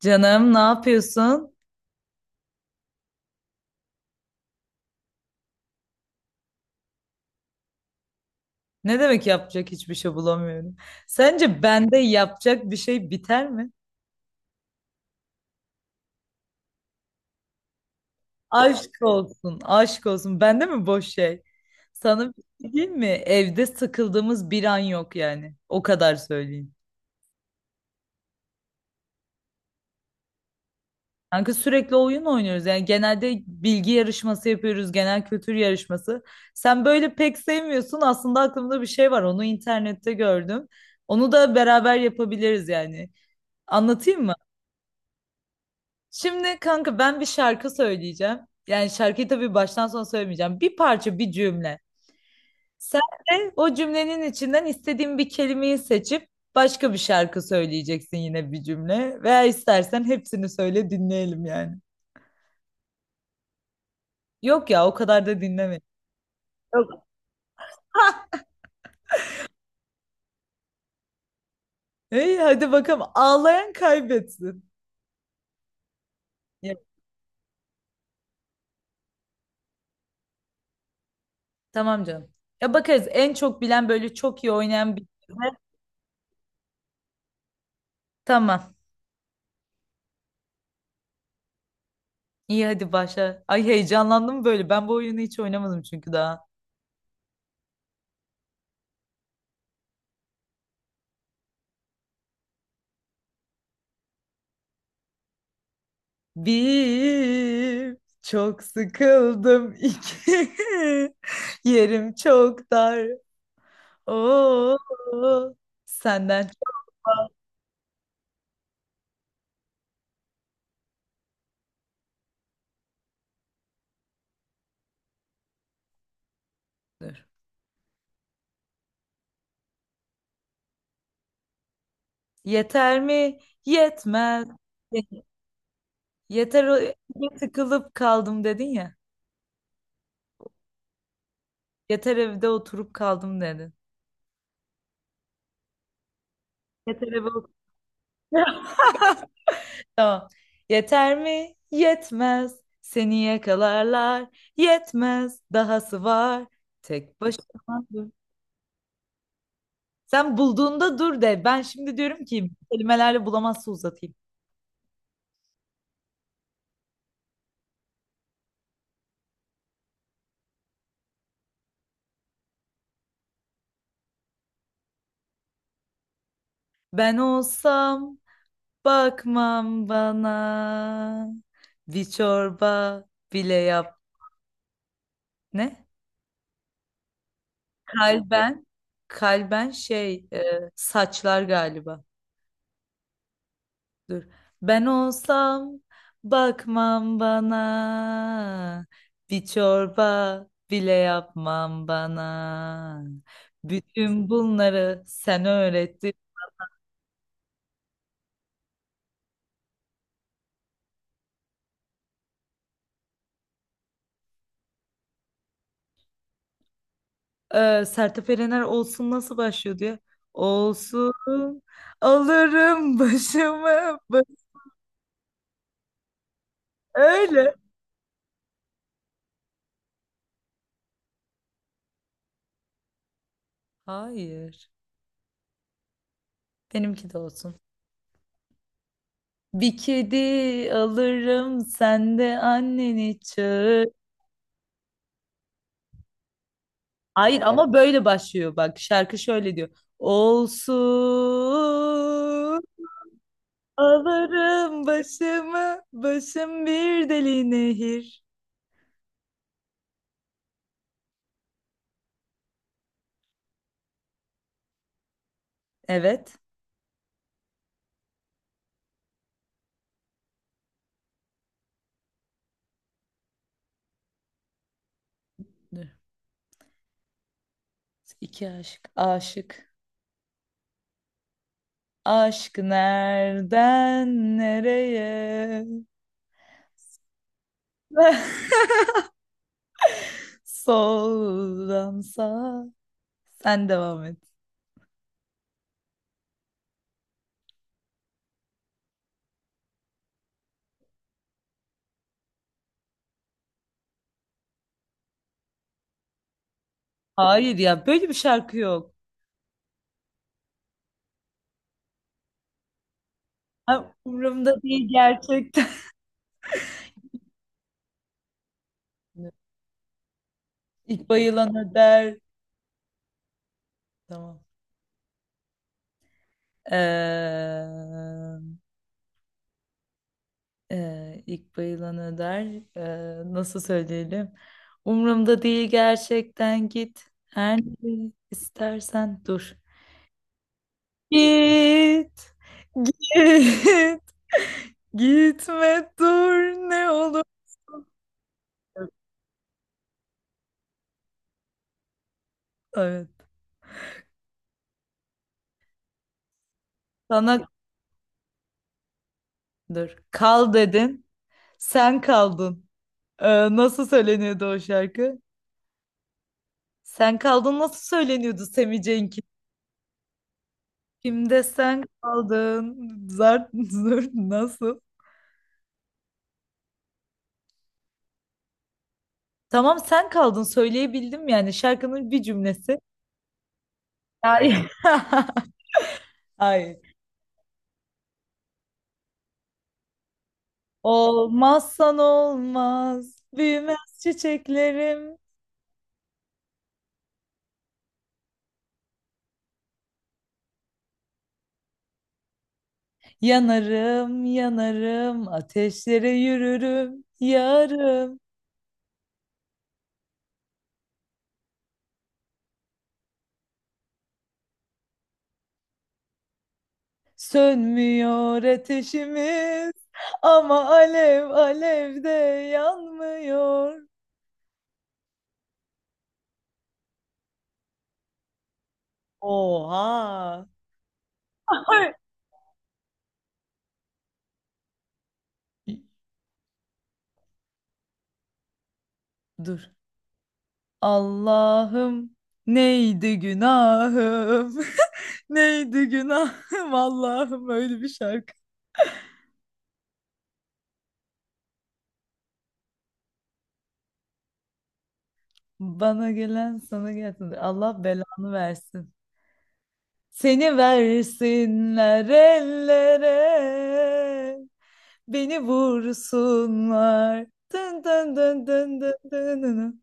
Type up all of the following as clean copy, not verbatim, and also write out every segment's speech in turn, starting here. Canım ne yapıyorsun? Ne demek yapacak hiçbir şey bulamıyorum. Sence bende yapacak bir şey biter mi? Aşk olsun, aşk olsun. Bende mi boş şey? Sana bir şey diyeyim mi? Evde sıkıldığımız bir an yok yani. O kadar söyleyeyim. Kanka sürekli oyun oynuyoruz. Yani genelde bilgi yarışması yapıyoruz, genel kültür yarışması. Sen böyle pek sevmiyorsun. Aslında aklımda bir şey var. Onu internette gördüm. Onu da beraber yapabiliriz yani. Anlatayım mı? Şimdi kanka ben bir şarkı söyleyeceğim. Yani şarkıyı tabii baştan sona söylemeyeceğim. Bir parça, bir cümle. Sen de o cümlenin içinden istediğin bir kelimeyi seçip başka bir şarkı söyleyeceksin yine bir cümle. Veya istersen hepsini söyle dinleyelim yani. Yok ya o kadar da dinleme. Yok. Hey, hadi bakalım ağlayan kaybetsin. Ya, tamam canım. Ya bakarız en çok bilen böyle çok iyi oynayan bir cümle. Tamam. İyi hadi başla. Ay heyecanlandım böyle. Ben bu oyunu hiç oynamadım çünkü daha. Bir, çok sıkıldım. İki, yerim çok dar. Oo, senden çoktur. Yeter mi? Yetmez. Yeter o eve tıkılıp kaldım dedin ya. Yeter evde oturup kaldım dedin. Yeter evde oturup. Tamam. Yeter mi? Yetmez. Seni yakalarlar. Yetmez. Dahası var. Tek başıma. Sen bulduğunda dur de. Ben şimdi diyorum ki kelimelerle bulamazsa uzatayım. Ben olsam bakmam bana. Bir çorba bile yap. Ne? Kalben. Kalben şey saçlar galiba. Dur. Ben olsam bakmam bana. Bir çorba bile yapmam bana. Bütün bunları sen öğrettin. Sertab Erener olsun nasıl başlıyor diye. Olsun alırım başımı ba- öyle. Hayır. Benimki de olsun. Bir kedi alırım sen de anneni çağır. Hayır ama böyle başlıyor bak şarkı şöyle diyor. Olsun alırım başımı başım bir deli nehir. Evet. Dur. İki aşık. Aşık. Aşk nereden nereye? Soldan sağa. Sen devam et. Hayır ya böyle bir şarkı yok. Ha, umurumda değil gerçekten. İlk bayılan öder. Tamam. Ee, ilk bayılan öder. Nasıl söyleyelim? Umurumda değil gerçekten git. Her ne istersen dur. Git, git, gitme dur ne olur. Evet. Sana dur. Kal dedin. Sen kaldın. Nasıl söyleniyordu o şarkı? Sen kaldın nasıl söyleniyordu Semih Cenk'in? Kimde sen kaldın? Zart zurt nasıl? Tamam sen kaldın söyleyebildim yani şarkının bir cümlesi. Hayır. Hayır. Olmazsan olmaz, büyümez çiçeklerim. Yanarım, yanarım, ateşlere yürürüm, yarım. Sönmüyor ateşimiz ama alev alev de yanmıyor. Oha! Ay, dur. Allah'ım neydi günahım? Neydi günahım Allah'ım öyle bir şarkı. Bana gelen sana gelsin. Allah belanı versin. Seni versinler ellere. Beni vursunlar. Dın dın dın dın dın dın dın.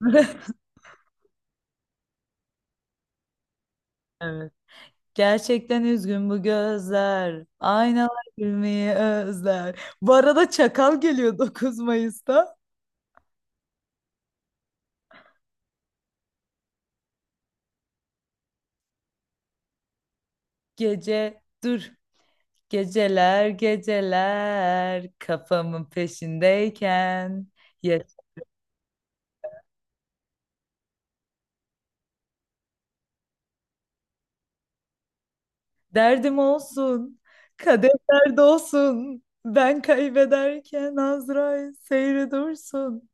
Evet. Gerçekten üzgün bu gözler. Aynalar gülmeyi özler. Bu arada Çakal geliyor 9 Mayıs'ta. Gece dur. Geceler geceler kafamın peşindeyken. Derdim olsun, kadehler dolsun. Ben kaybederken Azrail seyre dursun.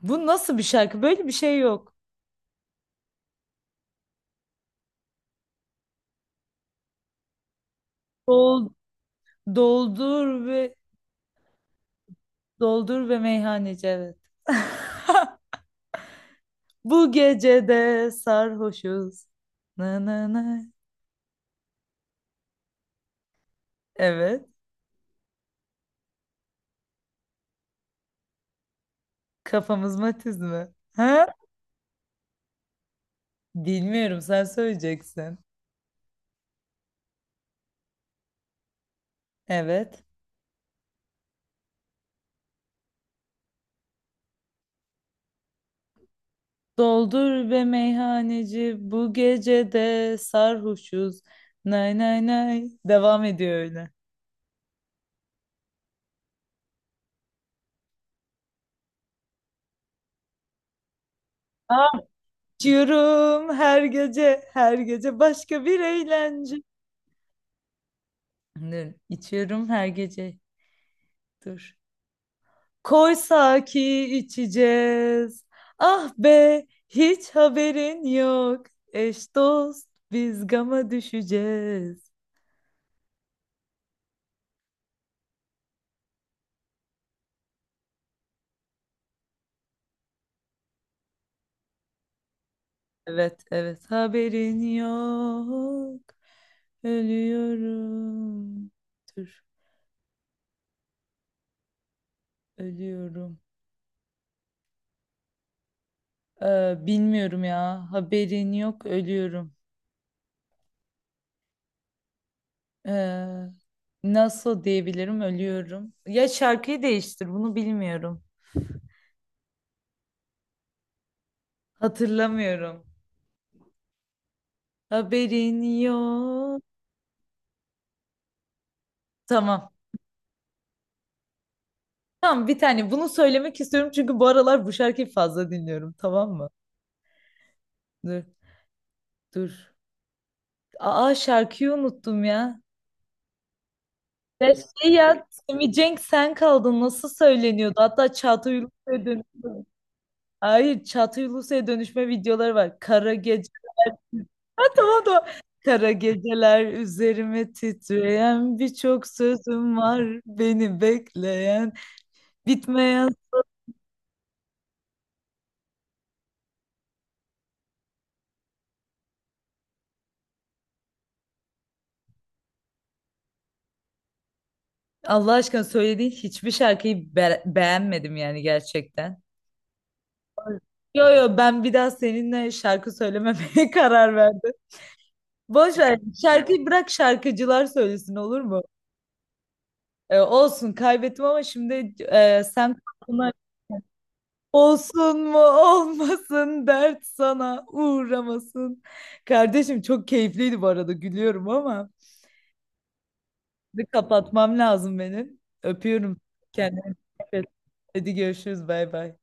Bu nasıl bir şarkı? Böyle bir şey yok. Dol, doldur ve doldur ve meyhaneci evet. Bu gecede sarhoşuz. Na na na. Evet. Kafamız matiz mi? Ha? Bilmiyorum sen söyleyeceksin. Evet. Doldur be meyhaneci bu gecede sarhoşuz. Nay nay nay. Devam ediyor öyle. Ah, içiyorum her gece her gece başka bir eğlence. Dur, içiyorum her gece. Dur. Koysa ki içeceğiz. Ah be hiç haberin yok. Eş dost biz gama düşeceğiz. Evet, evet. Haberin yok. Ölüyorum. Dur, ölüyorum. Bilmiyorum ya. Haberin yok, ölüyorum. Ee, nasıl diyebilirim, ölüyorum. Ya şarkıyı değiştir, bunu bilmiyorum. Hatırlamıyorum. Haberin yok. Tamam. Tamam, bir tane. Bunu söylemek istiyorum çünkü bu aralar bu şarkıyı fazla dinliyorum. Tamam mı? Dur, dur. Aa şarkıyı unuttum ya. Ya şey ya Simi Cenk sen kaldın nasıl söyleniyordu? Hatta Çağatay Ulusoy'a dönüşme. Hayır Çağatay Ulusoy'a dönüşme videoları var. Kara gece. Ha, tamam da kara geceler üzerime titreyen birçok sözüm var beni bekleyen bitmeyen. Allah aşkına söylediğin hiçbir şarkıyı be- beğenmedim yani gerçekten. Yo yo ben bir daha seninle şarkı söylememeye karar verdim. Boş ver şarkıyı bırak şarkıcılar söylesin olur mu? Olsun kaybettim ama şimdi sen aklına- olsun mu olmasın dert sana uğramasın. Kardeşim çok keyifliydi bu arada gülüyorum ama şimdi kapatmam lazım benim. Öpüyorum kendini. Hadi görüşürüz bay bay.